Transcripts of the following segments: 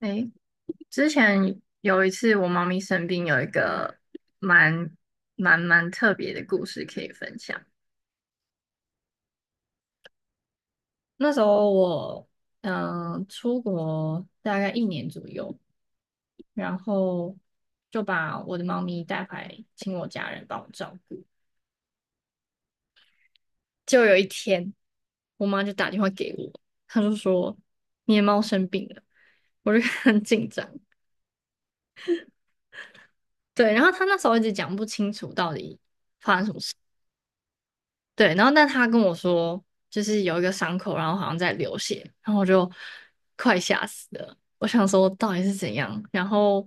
诶，之前有一次我猫咪生病，有一个蛮蛮特别的故事可以分享。那时候我出国大概一年左右，然后就把我的猫咪带回来，请我家人帮我照顾。就有一天，我妈就打电话给我，她就说你的猫生病了，我就 很紧张。对，然后她那时候一直讲不清楚到底对，然后但他跟我说，就是有一个伤口，然后好像在流血，然后我就快吓死了。我想说到底是怎样，然后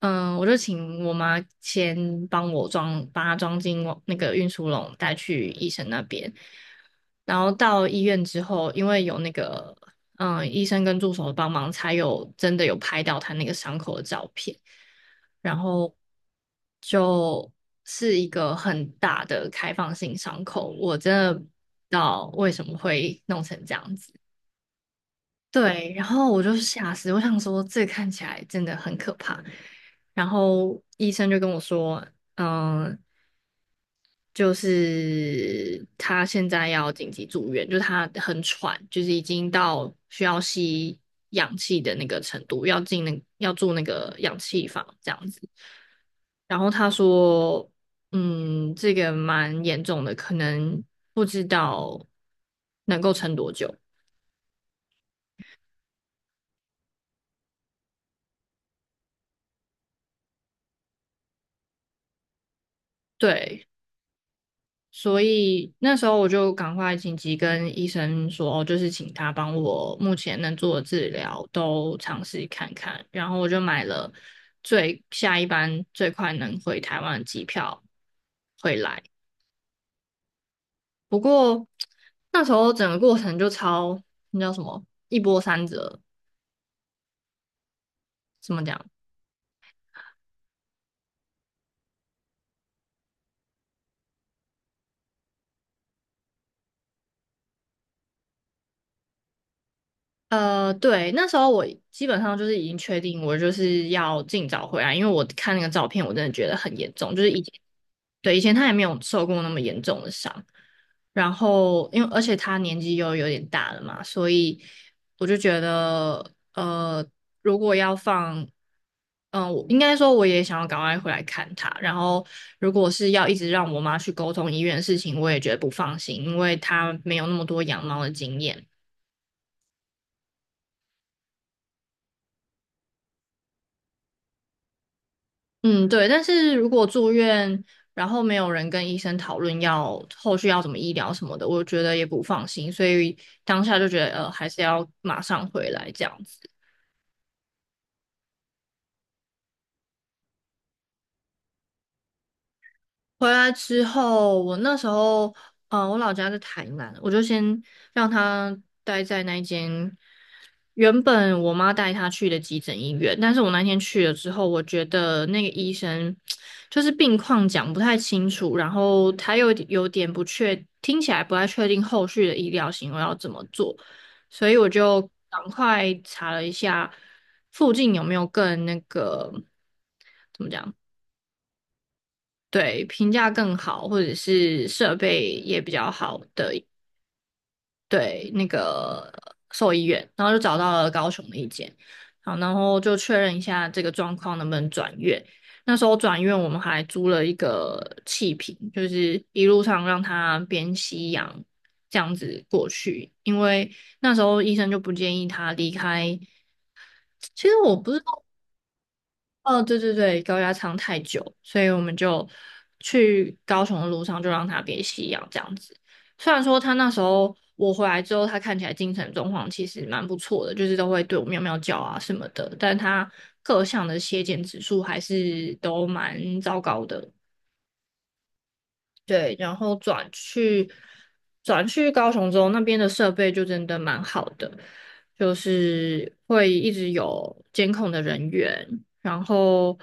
我就请我妈先帮我装，把它装进我那个运输笼带去医生那边。然后到医院之后，因为有那个医生跟助手的帮忙，才有真的有拍到他那个伤口的照片，然后就是一个很大的开放性伤口，我真的不知道为什么会弄成这样子。对，然后我就吓死，我想说这看起来真的很可怕。然后医生就跟我说，嗯、就是他现在要紧急住院，就他很喘，就是已经到需要吸氧气的那个程度，要住那个氧气房这样子。然后他说，这个蛮严重的，可能不知道能够撑多久。对。所以那时候我就赶快紧急跟医生说，哦就是请他帮我目前能做的治疗都尝试看看。然后我就买了下一班最快能回台湾的机票回来。不过那时候整个过程那叫什么一波三折，怎么讲？对，那时候我基本上就是已经确定，我就是要尽早回来，因为我看那个照片，我真的觉得很严重，就是以前，对，以前他也没有受过那么严重的伤，然后而且他年纪又有点大了嘛，所以我就觉得，呃，如果要放，我应该说我也想要赶快回来看他，然后如果是要一直让我妈去沟通医院的事情，我也觉得不放心，因为她没有那么多养猫的经验。嗯，对，但是如果住院，然后没有人跟医生讨论要后续要怎么医疗什么的，我觉得也不放心，所以当下就觉得，还是要马上回来这样子。回来之后，我那时候，我老家在台南，我就先让他待在那一间原本我妈带他去的急诊医院，但是我那天去了之后，我觉得那个医生就是病况讲不太清楚，然后他又有点不确，听起来不太确定后续的医疗行为要怎么做，所以我就赶快查了一下附近有没有更那个。怎么讲？对，评价更好，或者是设备也比较好的，对，那个兽医院，然后就找到了高雄的一间，好，然后就确认一下这个状况能不能转院。那时候转院，我们还租了一个气瓶，就是一路上让他边吸氧这样子过去，因为那时候医生就不建议他离开。其实我不知道哦，对对对，高压舱太久，所以我们就去高雄的路上就让他别吸氧这样子。虽然说他那时候我回来之后，他看起来精神状况其实蛮不错的，就是都会对我喵喵叫啊什么的，但他各项的血检指数还是都蛮糟糕的。对，然后转去高雄之后，那边的设备就真的蛮好的，就是会一直有监控的人员，然后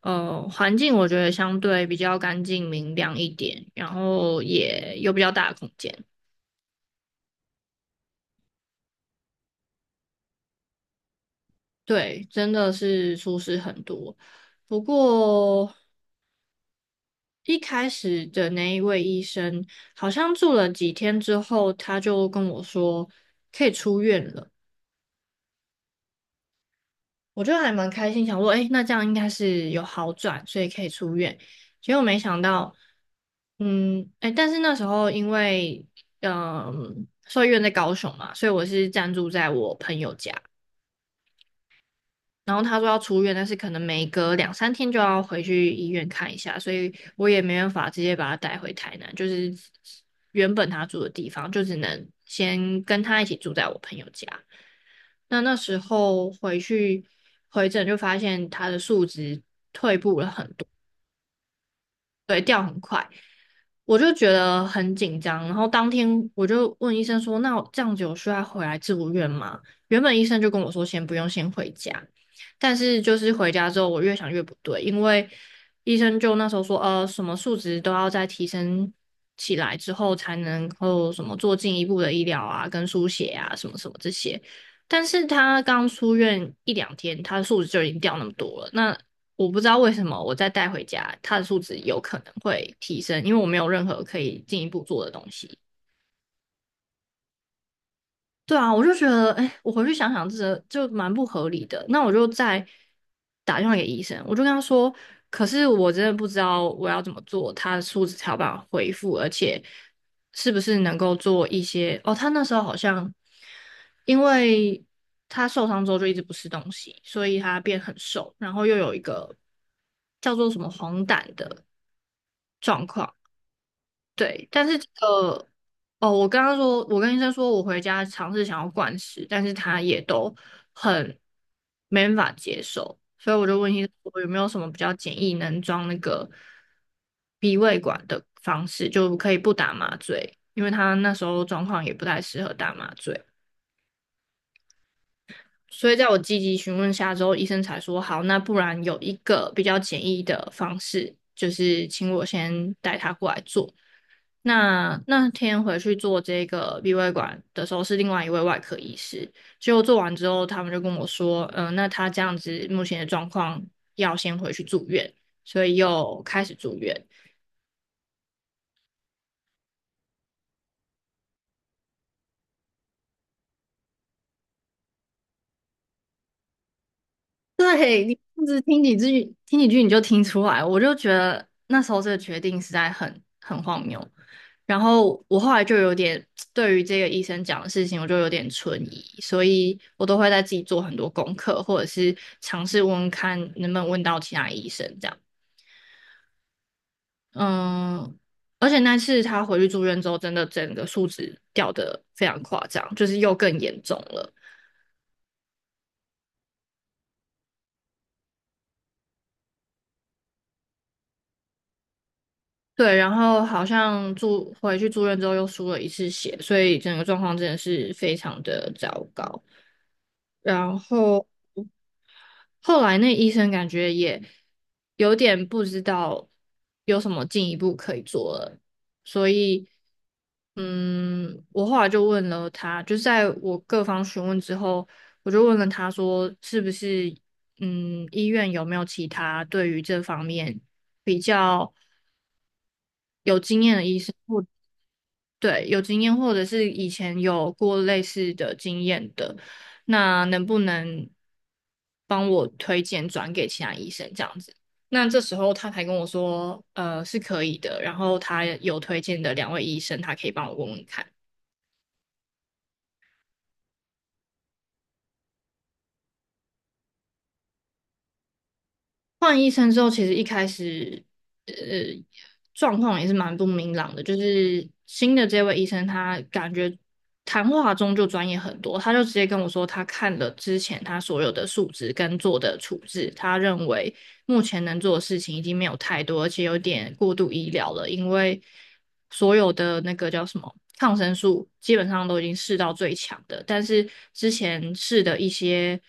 环境我觉得相对比较干净明亮一点，然后也有比较大的空间，对，真的是舒适很多。不过一开始的那一位医生好像住了几天之后，他就跟我说可以出院了。我就还蛮开心，想说，哎，那这样应该是有好转，所以可以出院。结果没想到，哎，但是那时候因为，兽医院在高雄嘛，所以我是暂住在我朋友家。然后他说要出院，但是可能每隔两三天就要回去医院看一下，所以我也没办法直接把他带回台南，就是原本他住的地方，就只能先跟他一起住在我朋友家。那那时候回去回诊就发现他的数值我就觉得很紧张，然后当天我就问医生说：“那我这样子有需要回来住院吗？”原本医生就跟我说先不用，先回家。但是就是回家之后，我越想越不对，因为医生就那时候说：“呃，什么数值都要再提升起来之后，才能够什么做进一步的医疗啊，跟输血啊，什么什么这些。”但是他刚出院一两天，他的数值就已经掉那么多了，那我不知道为什么我再带回家，他的数值有可能会提升，因为我没有任何可以进一步做的东西。对啊，我就觉得，哎，我回去想想，这就蛮不合理的。那我就再打电话给医生，我就跟他说，可是我真的不知道我要怎么做，他的数值才有办法恢复，而且是不是能够做一些。哦，他那时候好像因为他受伤之后就一直不吃东西，所以他变很瘦，然后又有一个叫做什么黄疸的。对，但是我刚刚说，我跟医生说我回家尝试想要灌食，但是他也都很没办法接受，所以我就问医生我有没有什么比较简易能装那个鼻胃管的方式，就可以不打麻醉，因为他那时候状况也不太适合打麻醉，所以在我积极询问下之后，医生才说好，那不然有一个比较简易的方式，就是请我先带他过来做。那那天回去做这个鼻胃管的时候，是另外一位外科医师。结果做完之后，他们就跟我说，那他这样子目前的状况要先回去住院，所以又开始住院。对，你这样子听几句，听几句你就听出来，我就觉得那时候这个决定实在很荒谬。然后我后来就有点 对于这个医生讲的事情，我就有点存疑，所以我都会在自己做很多功课，或者是尝试问问看能不能问到其他医生这样。嗯，而且那次他回去住院之后，真的整个数值掉的非常夸张，就是又更严重了。对，然后好像住回去住院之后又输了一次血，所以整个状况真的是非常的糟糕。然后后来那医生感觉也有点不知道有什么进一步可以做了，所以我后来就问了他，就在我各方询问之后，我就问了他说，是不是医院有没有其他对于这方面比较有经验的医生？或。对，有经验或者是以前有过类似的经验的，那能不能帮我推荐转给其他医生这样子？那这时候他才跟我说，是可以的，然后他有推荐的两位医生，他可以帮我问问看。换医生之后，其实一开始，呃，状况也是蛮不明朗的。就是新的这位医生，他感觉谈话中就专业很多，他就直接跟我说，他看了之前他所有的数值跟做的处置，他认为目前能做的事情已经没有太多，而且有点过度医疗了，因为所有的那个叫什么抗生素基本上都已经试到最强的，但是之前试的一些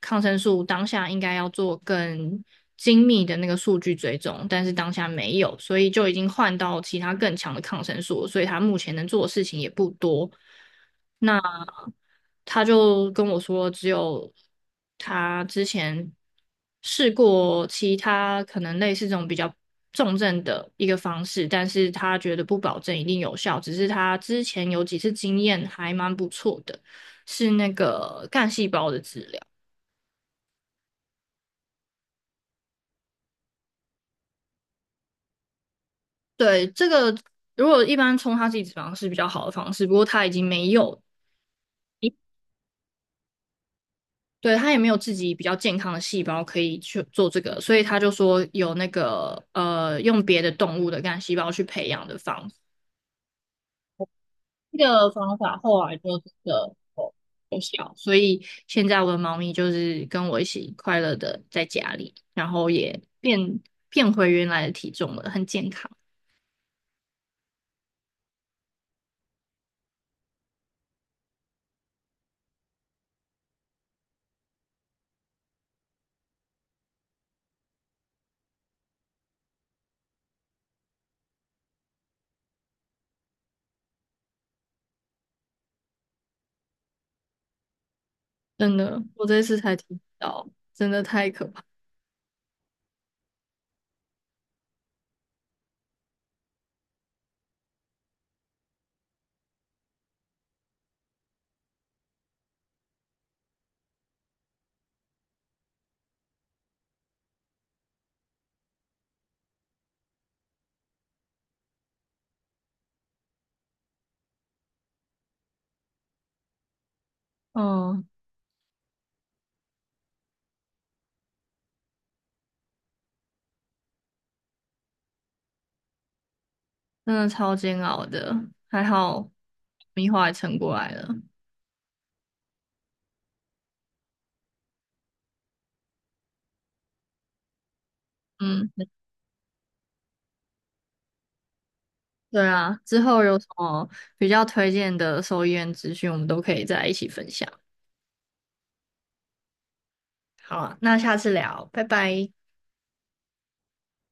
抗生素当下应该要做更精密的那个数据追踪，但是当下没有，所以就已经换到其他更强的抗生素所以他目前能做的事情也不多。那他就跟我说，只有他之前试过其他可能类似这种比较重症的一个方式，但是他觉得不保证一定有效，只是他之前有几次经验还蛮不错的，是那个干细胞的治疗。对，这个如果一般冲它自己脂肪是一直方式比较好的方式，不过他已经没有对，他也没有自己比较健康的细胞可以去做这个，所以他就说有那个，用别的动物的干细胞去培养的方法。这个方法后来就真的有效，所以现在我的猫咪就是跟我一起快乐的在家里，然后也变回原来的体重了，很健康。真的，我这次才听到，真的太可怕，嗯，真的超煎熬的，还好，米花也撑过来了，嗯。对啊，之后有什么比较推荐的兽医院资讯，我们都可以再一起分享。好啊，那下次聊，拜拜。